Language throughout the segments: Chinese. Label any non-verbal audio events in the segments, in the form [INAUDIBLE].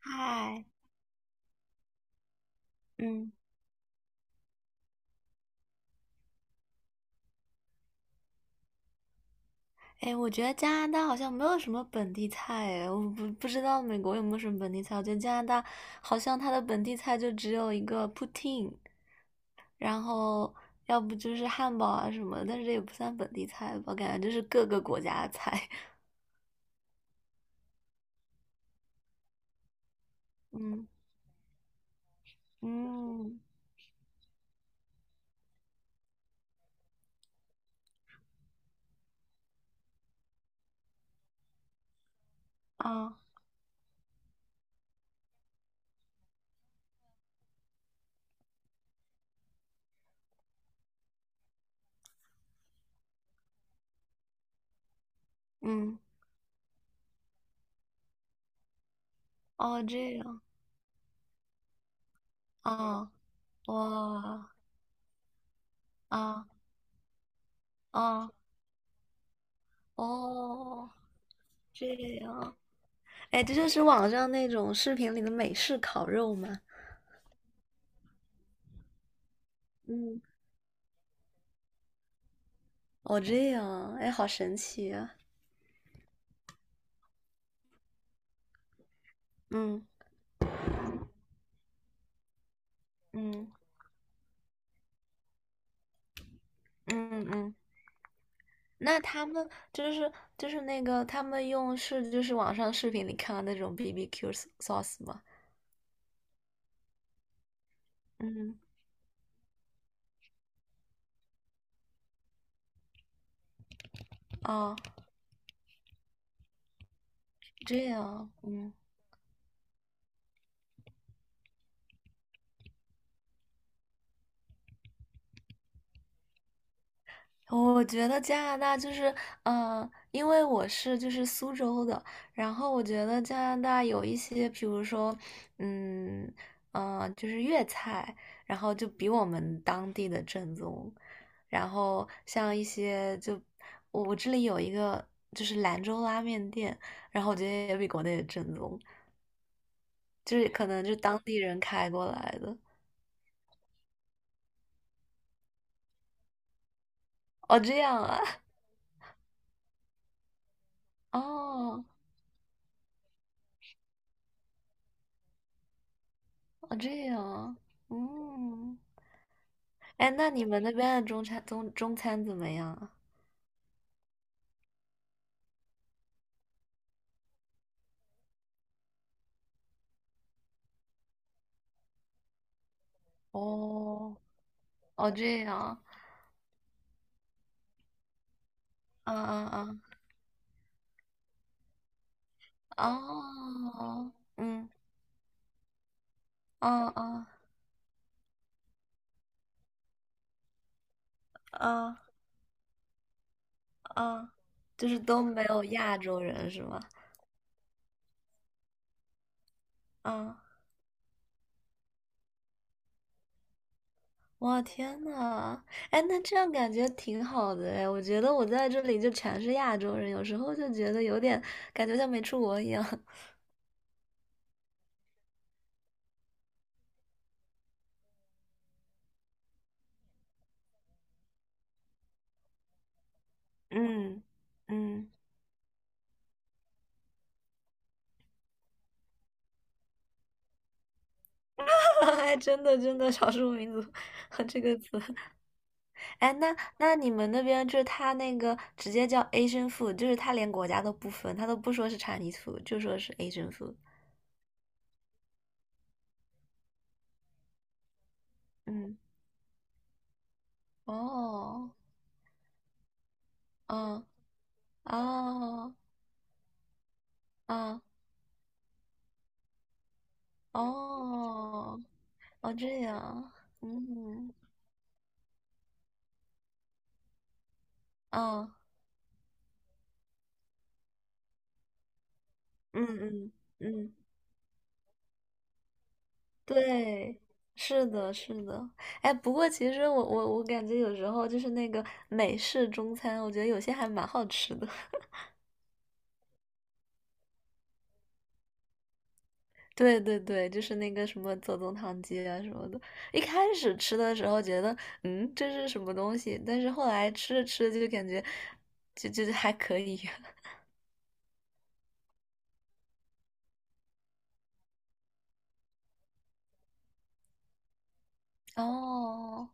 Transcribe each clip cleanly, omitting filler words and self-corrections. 嗨。嗯。哎，我觉得加拿大好像没有什么本地菜。哎，我不知道美国有没有什么本地菜。我觉得加拿大好像它的本地菜就只有一个 Poutine。 然后要不就是汉堡啊什么的，但是这也不算本地菜吧，感觉就是各个国家的菜。[LAUGHS] 嗯嗯，啊，嗯，哦，这样啊，哇，啊，啊，哦，这样。哎，这就是网上那种视频里的美式烤肉吗？嗯，哦，这样，哎，好神奇啊！嗯嗯嗯嗯。那他们就是那个他们用是就是网上视频里看到那种 BBQ sauce 吗？嗯，哦，这样。嗯，我觉得加拿大就是，因为我是就是苏州的。然后我觉得加拿大有一些，比如说，嗯，就是粤菜，然后就比我们当地的正宗。然后像一些就我这里有一个就是兰州拉面店，然后我觉得也比国内的正宗，就是可能就当地人开过来的。哦，这样啊。[LAUGHS] 哦，哦，这样啊。嗯。哎，那你们那边的中餐中中餐怎么样啊？哦，哦，这样。啊，啊，啊，哦，嗯。啊，啊，啊，啊。就是都没有亚洲人是吗？啊，我天呐。哎，那这样感觉挺好的哎，我觉得我在这里就全是亚洲人，有时候就觉得有点感觉像没出国一样。[LAUGHS] 嗯嗯。[LAUGHS] 哎，真的真的，少数民族 [LAUGHS] 和这个词。哎，那你们那边就是他那个直接叫 Asian food，就是他连国家都不分，他都不说是 Chinese food，就说是 Asian food。嗯，哦，嗯，啊，啊，哦，哦，这样，嗯，嗯嗯嗯嗯，对，是的，是的。哎，不过其实我感觉有时候就是那个美式中餐，我觉得有些还蛮好吃的。对对对，就是那个什么左宗棠鸡啊什么的。一开始吃的时候觉得，这是什么东西？但是后来吃着吃着就感觉，就还可以。[LAUGHS] 哦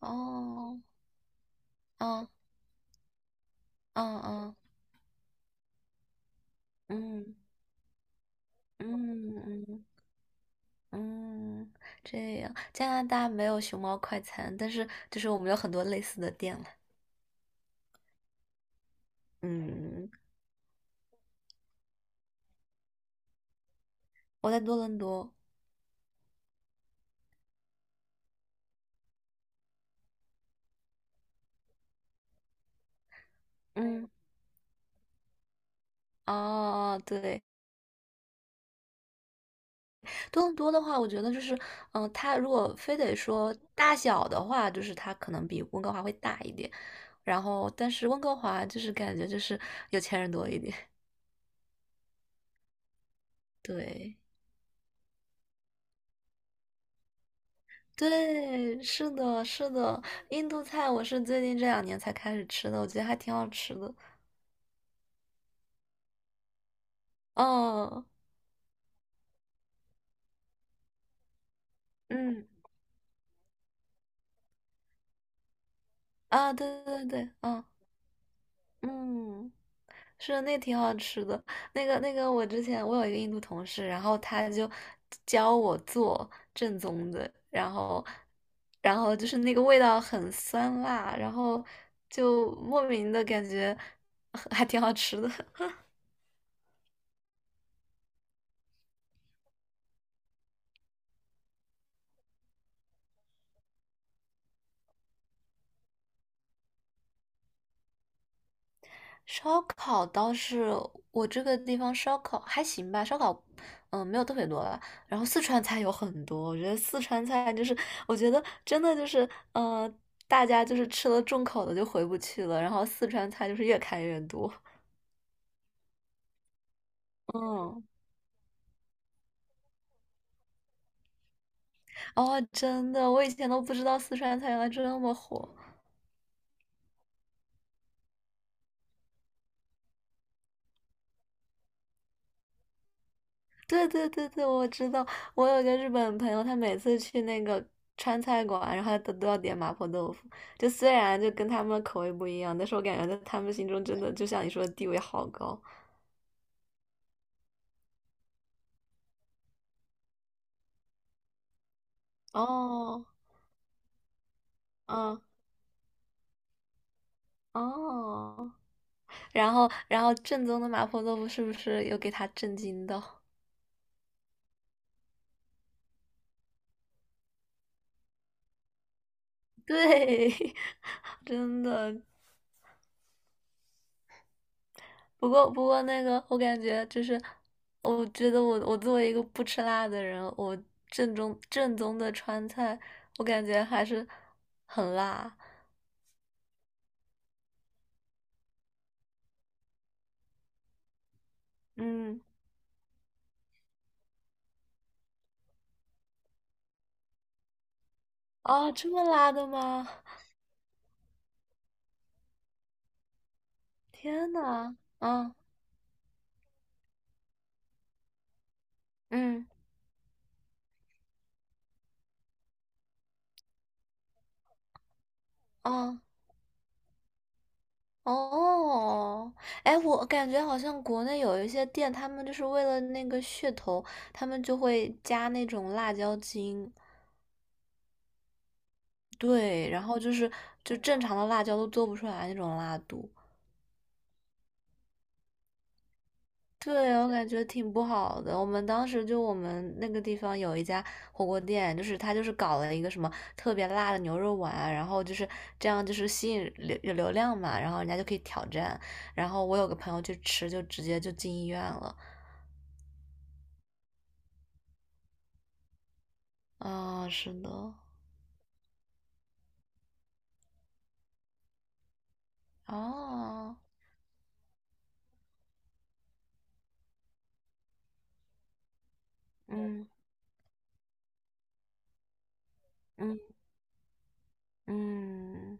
哦，哦哦哦，嗯嗯嗯嗯，这样。加拿大没有熊猫快餐，但是就是我们有很多类似的店了。嗯，我在多伦多。嗯，哦，对，更多的话，我觉得就是，它如果非得说大小的话，就是它可能比温哥华会大一点。然后，但是温哥华就是感觉就是有钱人多一点。[LAUGHS] 对，对，是的，是的。印度菜我是最近这两年才开始吃的，我觉得还挺好吃的。嗯嗯，啊，对对对，嗯嗯。是那挺好吃的，那个那个，我之前我有一个印度同事，然后他就教我做正宗的，然后就是那个味道很酸辣，然后就莫名的感觉还挺好吃的。烧烤倒是我这个地方烧烤还行吧，烧烤没有特别多吧。然后四川菜有很多，我觉得四川菜就是我觉得真的就是大家就是吃了重口的就回不去了，然后四川菜就是越开越多。嗯，哦，真的，我以前都不知道四川菜原来这么火。对对对对，我知道。我有个日本朋友，他每次去那个川菜馆，然后他都要点麻婆豆腐。就虽然就跟他们的口味不一样，但是我感觉在他们心中真的就像你说的地位好高。哦，嗯，哦。然后，正宗的麻婆豆腐是不是又给他震惊到？对，[LAUGHS] 真的。不过，那个，我感觉就是，我觉得我作为一个不吃辣的人，我正宗的川菜，我感觉还是很辣。嗯，啊，这么辣的吗？天呐，啊，嗯，啊，哦。哎，我感觉好像国内有一些店，他们就是为了那个噱头，他们就会加那种辣椒精。对，然后就是就正常的辣椒都做不出来那种辣度。对，我感觉挺不好的。我们当时就我们那个地方有一家火锅店，就是他就是搞了一个什么特别辣的牛肉丸，然后就是这样就是吸引有流量嘛，然后人家就可以挑战。然后我有个朋友去吃，就直接就进医院了。啊，是的，哦，嗯嗯嗯。